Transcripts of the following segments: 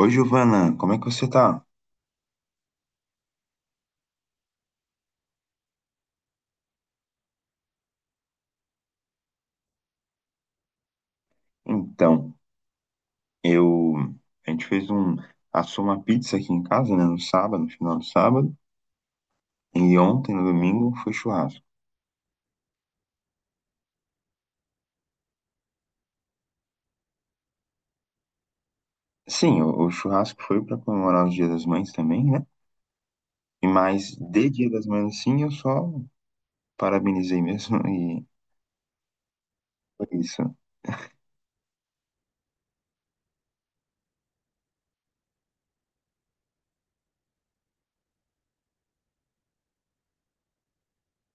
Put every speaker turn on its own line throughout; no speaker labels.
Oi, Giovana, como é que você tá? Então, eu. A gente fez um. Assou uma pizza aqui em casa, né, no sábado, no final do sábado. E ontem, no domingo, foi churrasco. Sim, o churrasco foi para comemorar o Dia das Mães também, né? E mais de Dia das Mães, assim, eu só parabenizei mesmo e foi isso.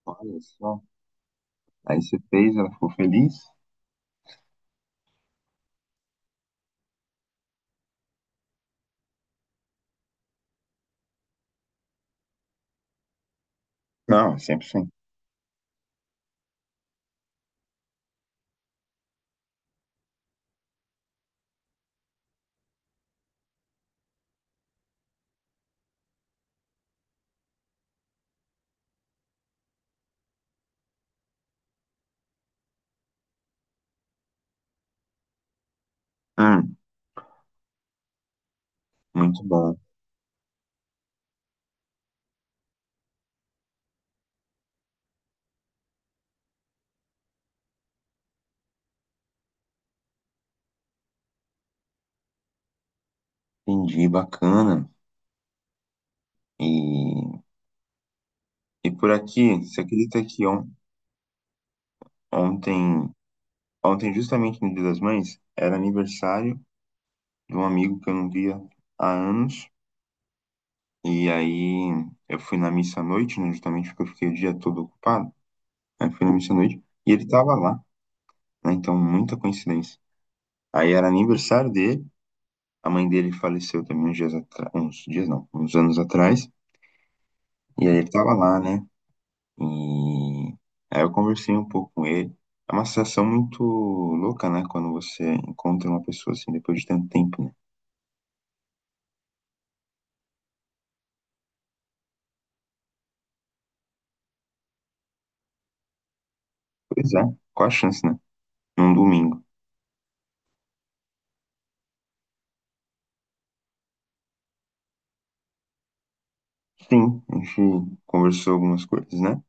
Olha só. Aí você fez, ela ficou feliz? Não, 100%. Hum, muito bom. Entendi, bacana. E, e por aqui, você acredita que ontem. Ontem, justamente no Dia das Mães, era aniversário de um amigo que eu não via há anos. E aí eu fui na missa à noite, né, justamente porque eu fiquei o dia todo ocupado. Aí fui na missa à noite e ele tava lá, né? Então, muita coincidência. Aí era aniversário dele, a mãe dele faleceu também uns dias não, uns anos atrás. E aí ele tava lá, né? E aí eu conversei um pouco com ele. É uma sensação muito louca, né? Quando você encontra uma pessoa assim depois de tanto tempo, né? Pois é, qual a chance, né? Num domingo. Sim, a gente conversou algumas coisas, né?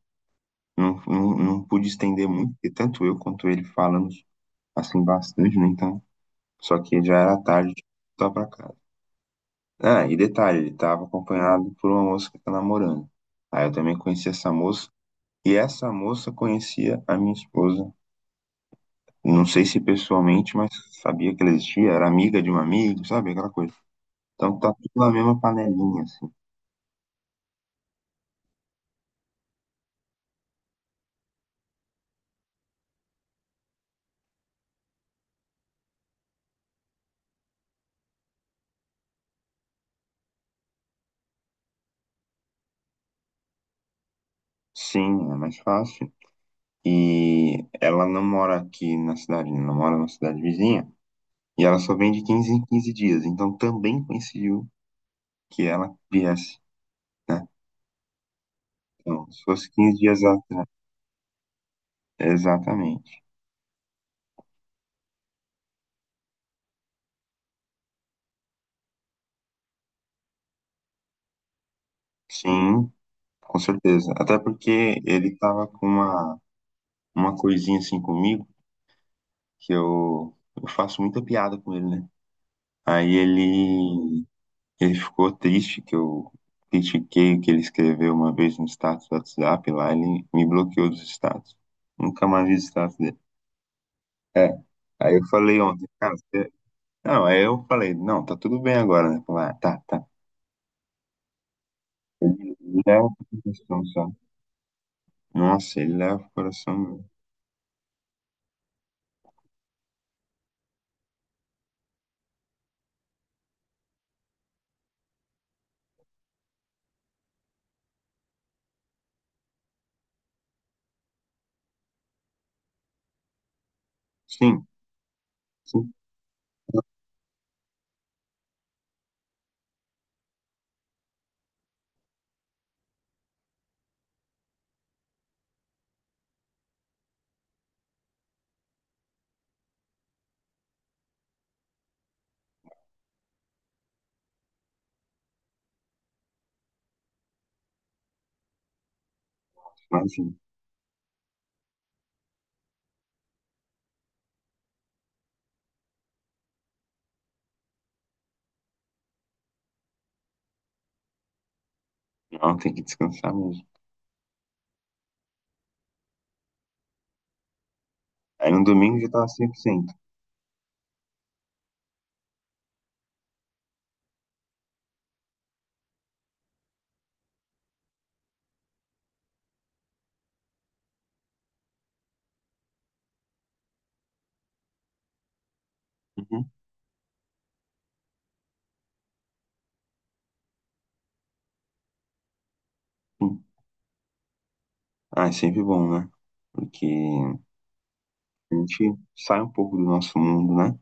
Não, pude estender muito, porque tanto eu quanto ele falamos assim bastante, né? Então, só que já era tarde, tá pra casa. Ah, e detalhe, ele tava acompanhado por uma moça que tá namorando. Aí eu também conheci essa moça, e essa moça conhecia a minha esposa. Não sei se pessoalmente, mas sabia que ela existia, era amiga de um amigo, sabe? Aquela coisa. Então tá tudo na mesma panelinha, assim. Sim, é mais fácil. E ela não mora aqui na cidade, ela mora na cidade vizinha. E ela só vem de quinze em 15 dias. Então também coincidiu que ela viesse, né? Então, se fosse 15 dias, exatamente. Sim, com certeza. Até porque ele tava com uma coisinha assim comigo, que eu faço muita piada com ele, né? Aí ele Ele ficou triste que eu critiquei o que ele escreveu uma vez no status do WhatsApp lá, ele me bloqueou dos status. Nunca mais vi o status dele. É. Aí eu falei ontem, cara, você... não, aí eu falei, não, tá tudo bem agora, né? Falei, ah, tá, tá. Ele leva pro coração, sabe? Nossa, ele leva pro coração mesmo. Sim, sim, imagina. Não, tem que descansar mesmo. Aí no domingo já tava 100%. Uhum, sim. Ah, é sempre bom, né? Porque a gente sai um pouco do nosso mundo, né?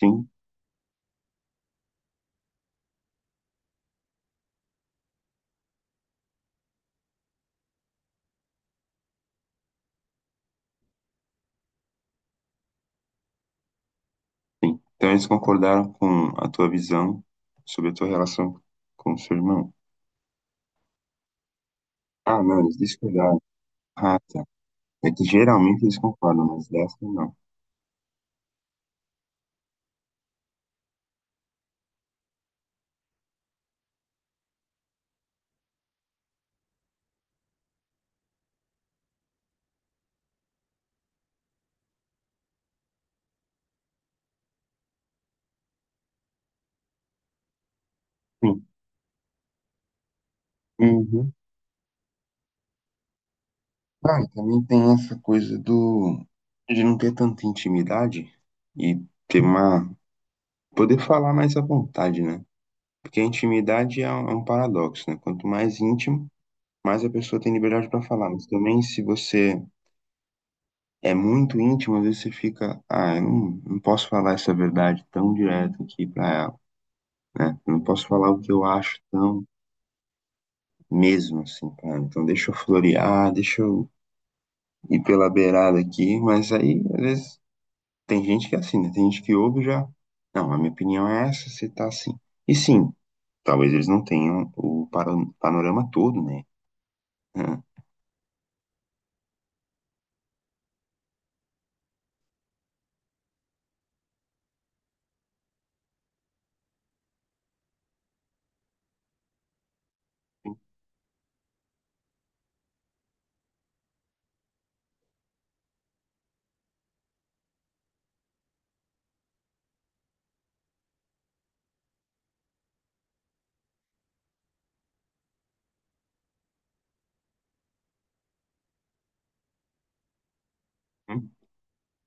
Sim. Sim. Então eles concordaram com a tua visão sobre a tua relação com o seu irmão. Ah, não, eles discordaram. Ah, tá. É que geralmente eles concordam, mas dessa não. Sim. Uhum. Ah, e também tem essa coisa do de não ter tanta intimidade e ter uma poder falar mais à vontade, né? Porque a intimidade é um paradoxo, né? Quanto mais íntimo, mais a pessoa tem liberdade para falar. Mas também se você é muito íntimo, às vezes você fica, ah, eu não posso falar essa verdade tão direto aqui pra ela, né? Eu não posso falar o que eu acho tão mesmo, assim, pra ela. Então deixa eu florear, deixa eu ir pela beirada aqui, mas aí, às vezes, tem gente que é assim, né? Tem gente que ouve e já, não, a minha opinião é essa, você tá assim. E sim, talvez eles não tenham o panorama todo, né? Hum,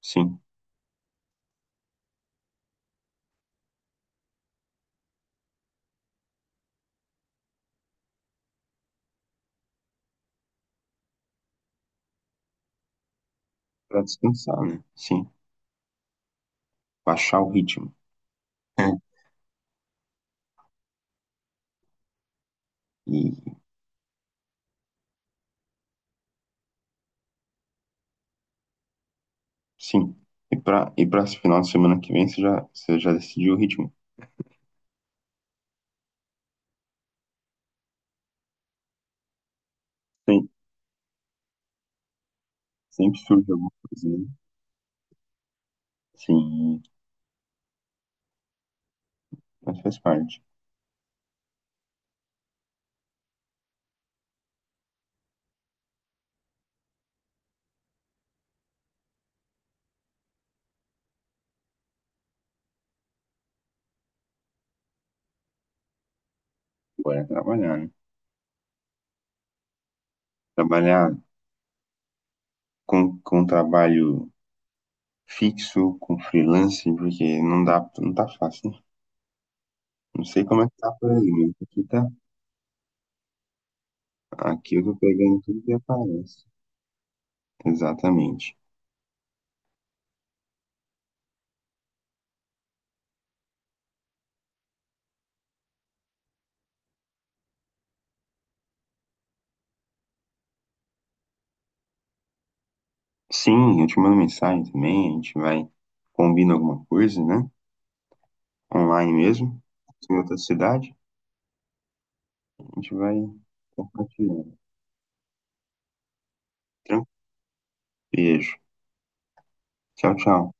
sim, pra descansar, né? Sim, baixar o ritmo. É. E sim. E para esse final de semana que vem, você já decidiu o ritmo? Sim. Sempre surge alguma coisa. Né? Sim, mas faz parte. Agora é trabalhar, né? Trabalhar com um trabalho fixo, com freelance, porque não dá, não tá fácil. Né? Não sei como é que tá por aí, mas aqui tá. Aqui eu tô pegando tudo que aparece. Exatamente. Sim, eu te mando mensagem também, a gente vai combina alguma coisa, né? Online mesmo, em outra cidade. A gente vai compartilhando. Tranquilo. Beijo. Tchau, tchau.